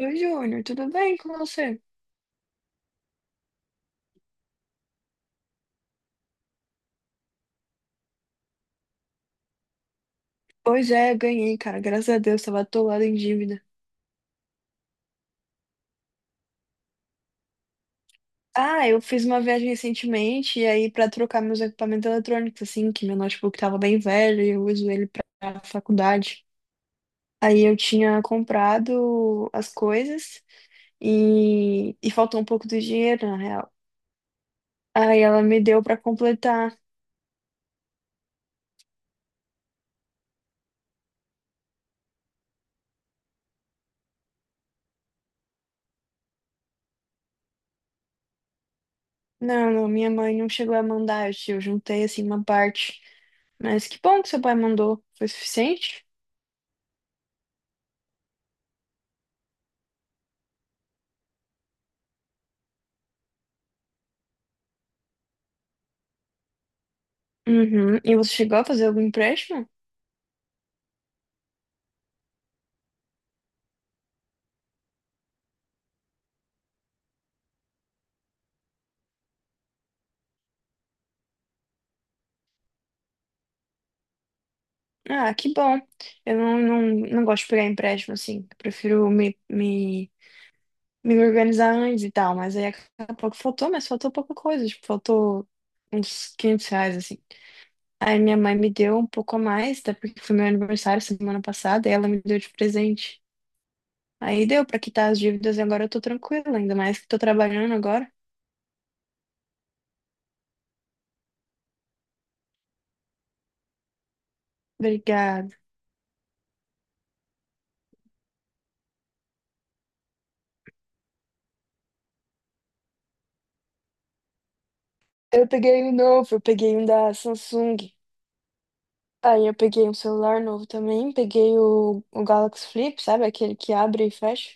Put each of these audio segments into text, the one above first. Oi, Júnior, tudo bem com você? Pois é, ganhei, cara. Graças a Deus, tava atolado em dívida. Ah, eu fiz uma viagem recentemente e aí pra trocar meus equipamentos eletrônicos, assim, que meu notebook tava bem velho e eu uso ele pra faculdade. Aí eu tinha comprado as coisas e, faltou um pouco do dinheiro, na real. Aí ela me deu pra completar. Não, não, minha mãe não chegou a mandar, eu juntei assim uma parte. Mas que bom que seu pai mandou. Foi suficiente? Uhum. E você chegou a fazer algum empréstimo? Ah, que bom. Eu não, não gosto de pegar empréstimo assim. Eu prefiro me organizar antes e tal. Mas aí acabou pouco faltou, mas faltou pouca coisa. Tipo, faltou uns R$ 500 assim. Aí minha mãe me deu um pouco a mais, até porque foi meu aniversário semana passada e ela me deu de presente. Aí deu pra quitar as dívidas e agora eu tô tranquila, ainda mais que tô trabalhando agora. Obrigada. Eu peguei um novo, eu peguei um da Samsung. Aí eu peguei um celular novo também, peguei o Galaxy Flip, sabe? Aquele que abre e fecha.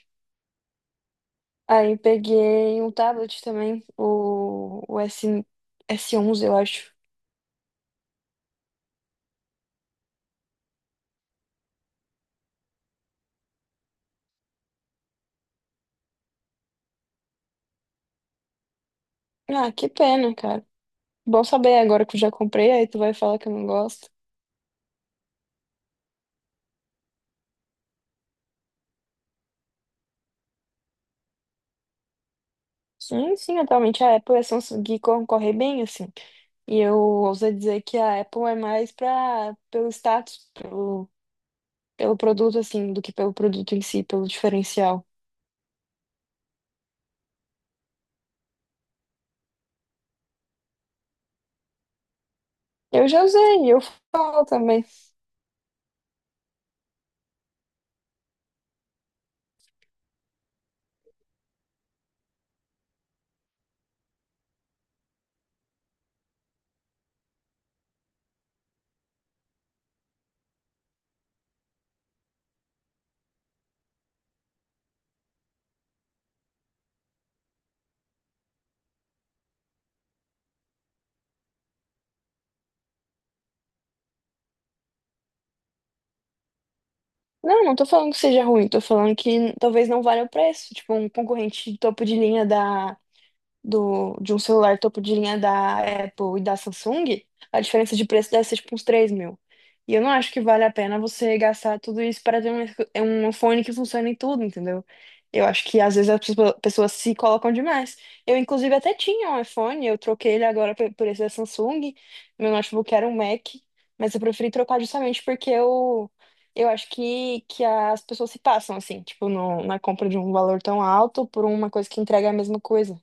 Aí peguei um tablet também, o S, S11, eu acho. Ah, que pena, cara. Bom saber agora que eu já comprei, aí tu vai falar que eu não gosto. Sim, sim, atualmente a Apple e a Samsung concorrem bem, assim. E eu ouso dizer que a Apple é mais pra, pelo status, pelo, pelo produto, assim, do que pelo produto em si, pelo diferencial. Eu já usei, e eu falo também. Não, não tô falando que seja ruim, tô falando que talvez não valha o preço. Tipo, um concorrente de topo de linha de um celular topo de linha da Apple e da Samsung, a diferença de preço deve ser tipo uns 3 mil. E eu não acho que vale a pena você gastar tudo isso para ter um, é um fone que funcione em tudo, entendeu? Eu acho que às vezes as pessoas se colocam demais. Eu, inclusive, até tinha um iPhone, eu troquei ele agora por esse da Samsung. Meu notebook era um Mac, mas eu preferi trocar justamente porque eu acho que as pessoas se passam, assim, tipo, no, na compra de um valor tão alto por uma coisa que entrega a mesma coisa.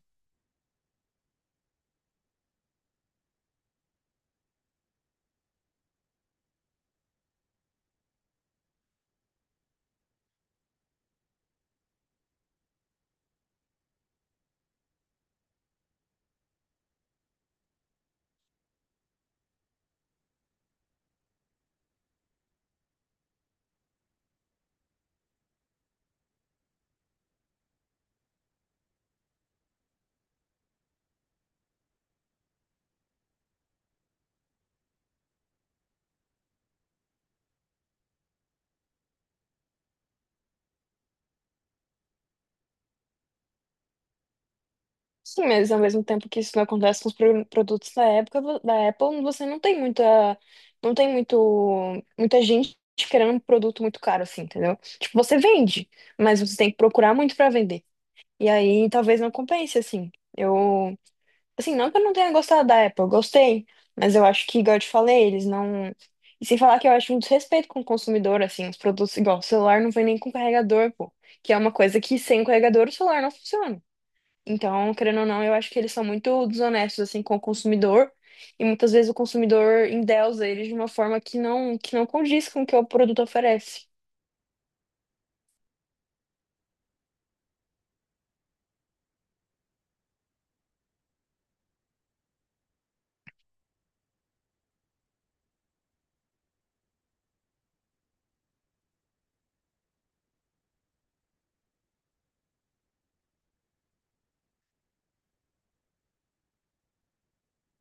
Sim, mas ao mesmo tempo que isso não acontece com os produtos da da Apple, você não tem muita, não tem muita gente querendo um produto muito caro, assim, entendeu? Tipo, você vende, mas você tem que procurar muito para vender. E aí talvez não compense, assim. Eu, assim, não que eu não tenha gostado da Apple, eu gostei, mas eu acho que, igual eu te falei, eles não. E sem falar que eu acho um desrespeito com o consumidor, assim, os produtos, igual, o celular não vem nem com carregador, pô. Que é uma coisa que sem carregador o celular não funciona. Então, querendo ou não, eu acho que eles são muito desonestos assim com o consumidor e muitas vezes o consumidor endeusa eles de uma forma que não condiz com o que o produto oferece.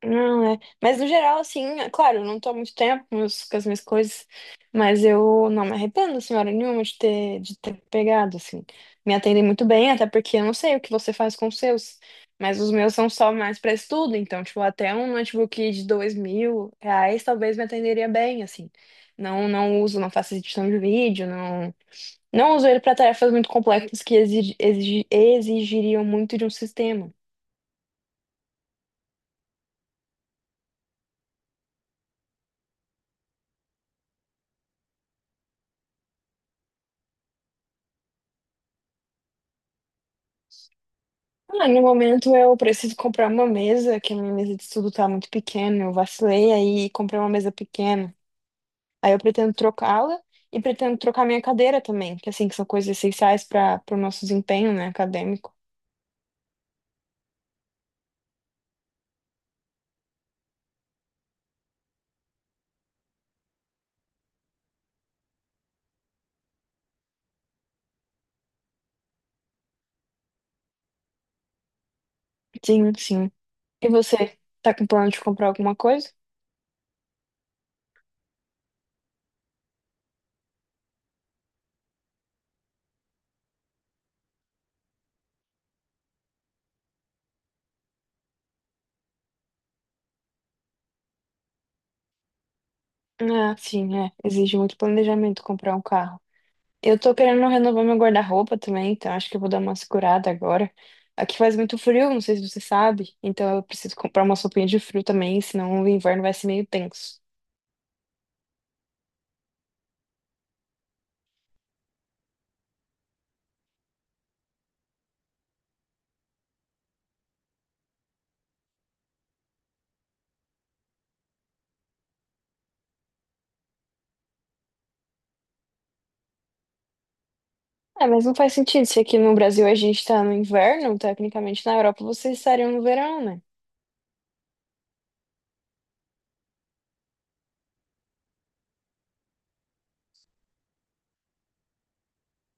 Não, é. Mas no geral, assim, é claro, eu não tô há muito tempo com com as minhas coisas, mas eu não me arrependo, senhora nenhuma, de ter pegado, assim. Me atendem muito bem, até porque eu não sei o que você faz com os seus, mas os meus são só mais para estudo, então, tipo, até um notebook de R$ 2 mil talvez me atenderia bem, assim. Não, não uso, não faço edição de vídeo, não, não uso ele para tarefas muito complexas que exigiriam muito de um sistema. Ah, no momento eu preciso comprar uma mesa, que a minha mesa de estudo tá muito pequena. Eu vacilei aí e comprei uma mesa pequena. Aí eu pretendo trocá-la e pretendo trocar minha cadeira também, que assim, que são coisas essenciais para o nosso desempenho, né, acadêmico. Sim, sim. E você, tá com plano de comprar alguma coisa? Ah, sim, é. Exige muito planejamento comprar um carro. Eu tô querendo renovar meu guarda-roupa também, então acho que eu vou dar uma segurada agora. Aqui faz muito frio, não sei se você sabe, então eu preciso comprar uma roupinha de frio também, senão o inverno vai ser meio tenso. É, mas não faz sentido, se aqui no Brasil a gente tá no inverno, tecnicamente na Europa vocês estariam no verão, né?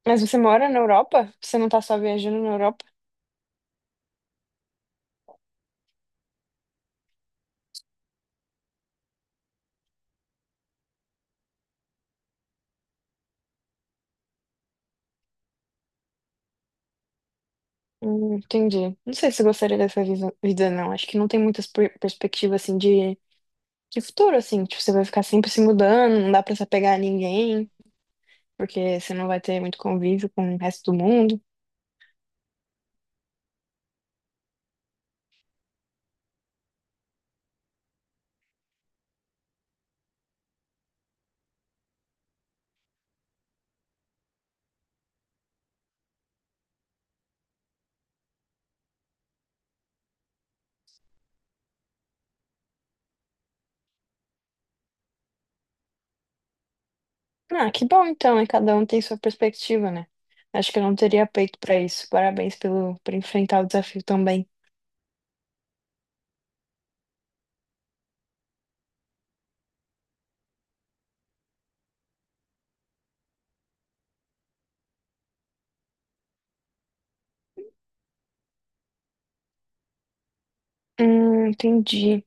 Mas você mora na Europa? Você não tá só viajando na Europa? Entendi. Não sei se eu gostaria dessa vida, não. Acho que não tem muitas perspectivas, assim, de futuro, assim. Tipo, você vai ficar sempre se mudando, não dá pra se apegar a ninguém. Porque você não vai ter muito convívio com o resto do mundo. Ah, que bom então, e cada um tem sua perspectiva, né? Acho que eu não teria peito pra isso. Parabéns pelo por enfrentar o desafio também. Entendi.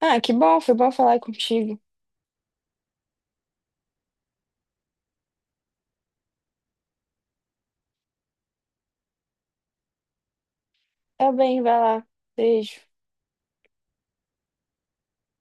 Ah, que bom, foi bom falar contigo. Tá bem, vai lá. Beijo.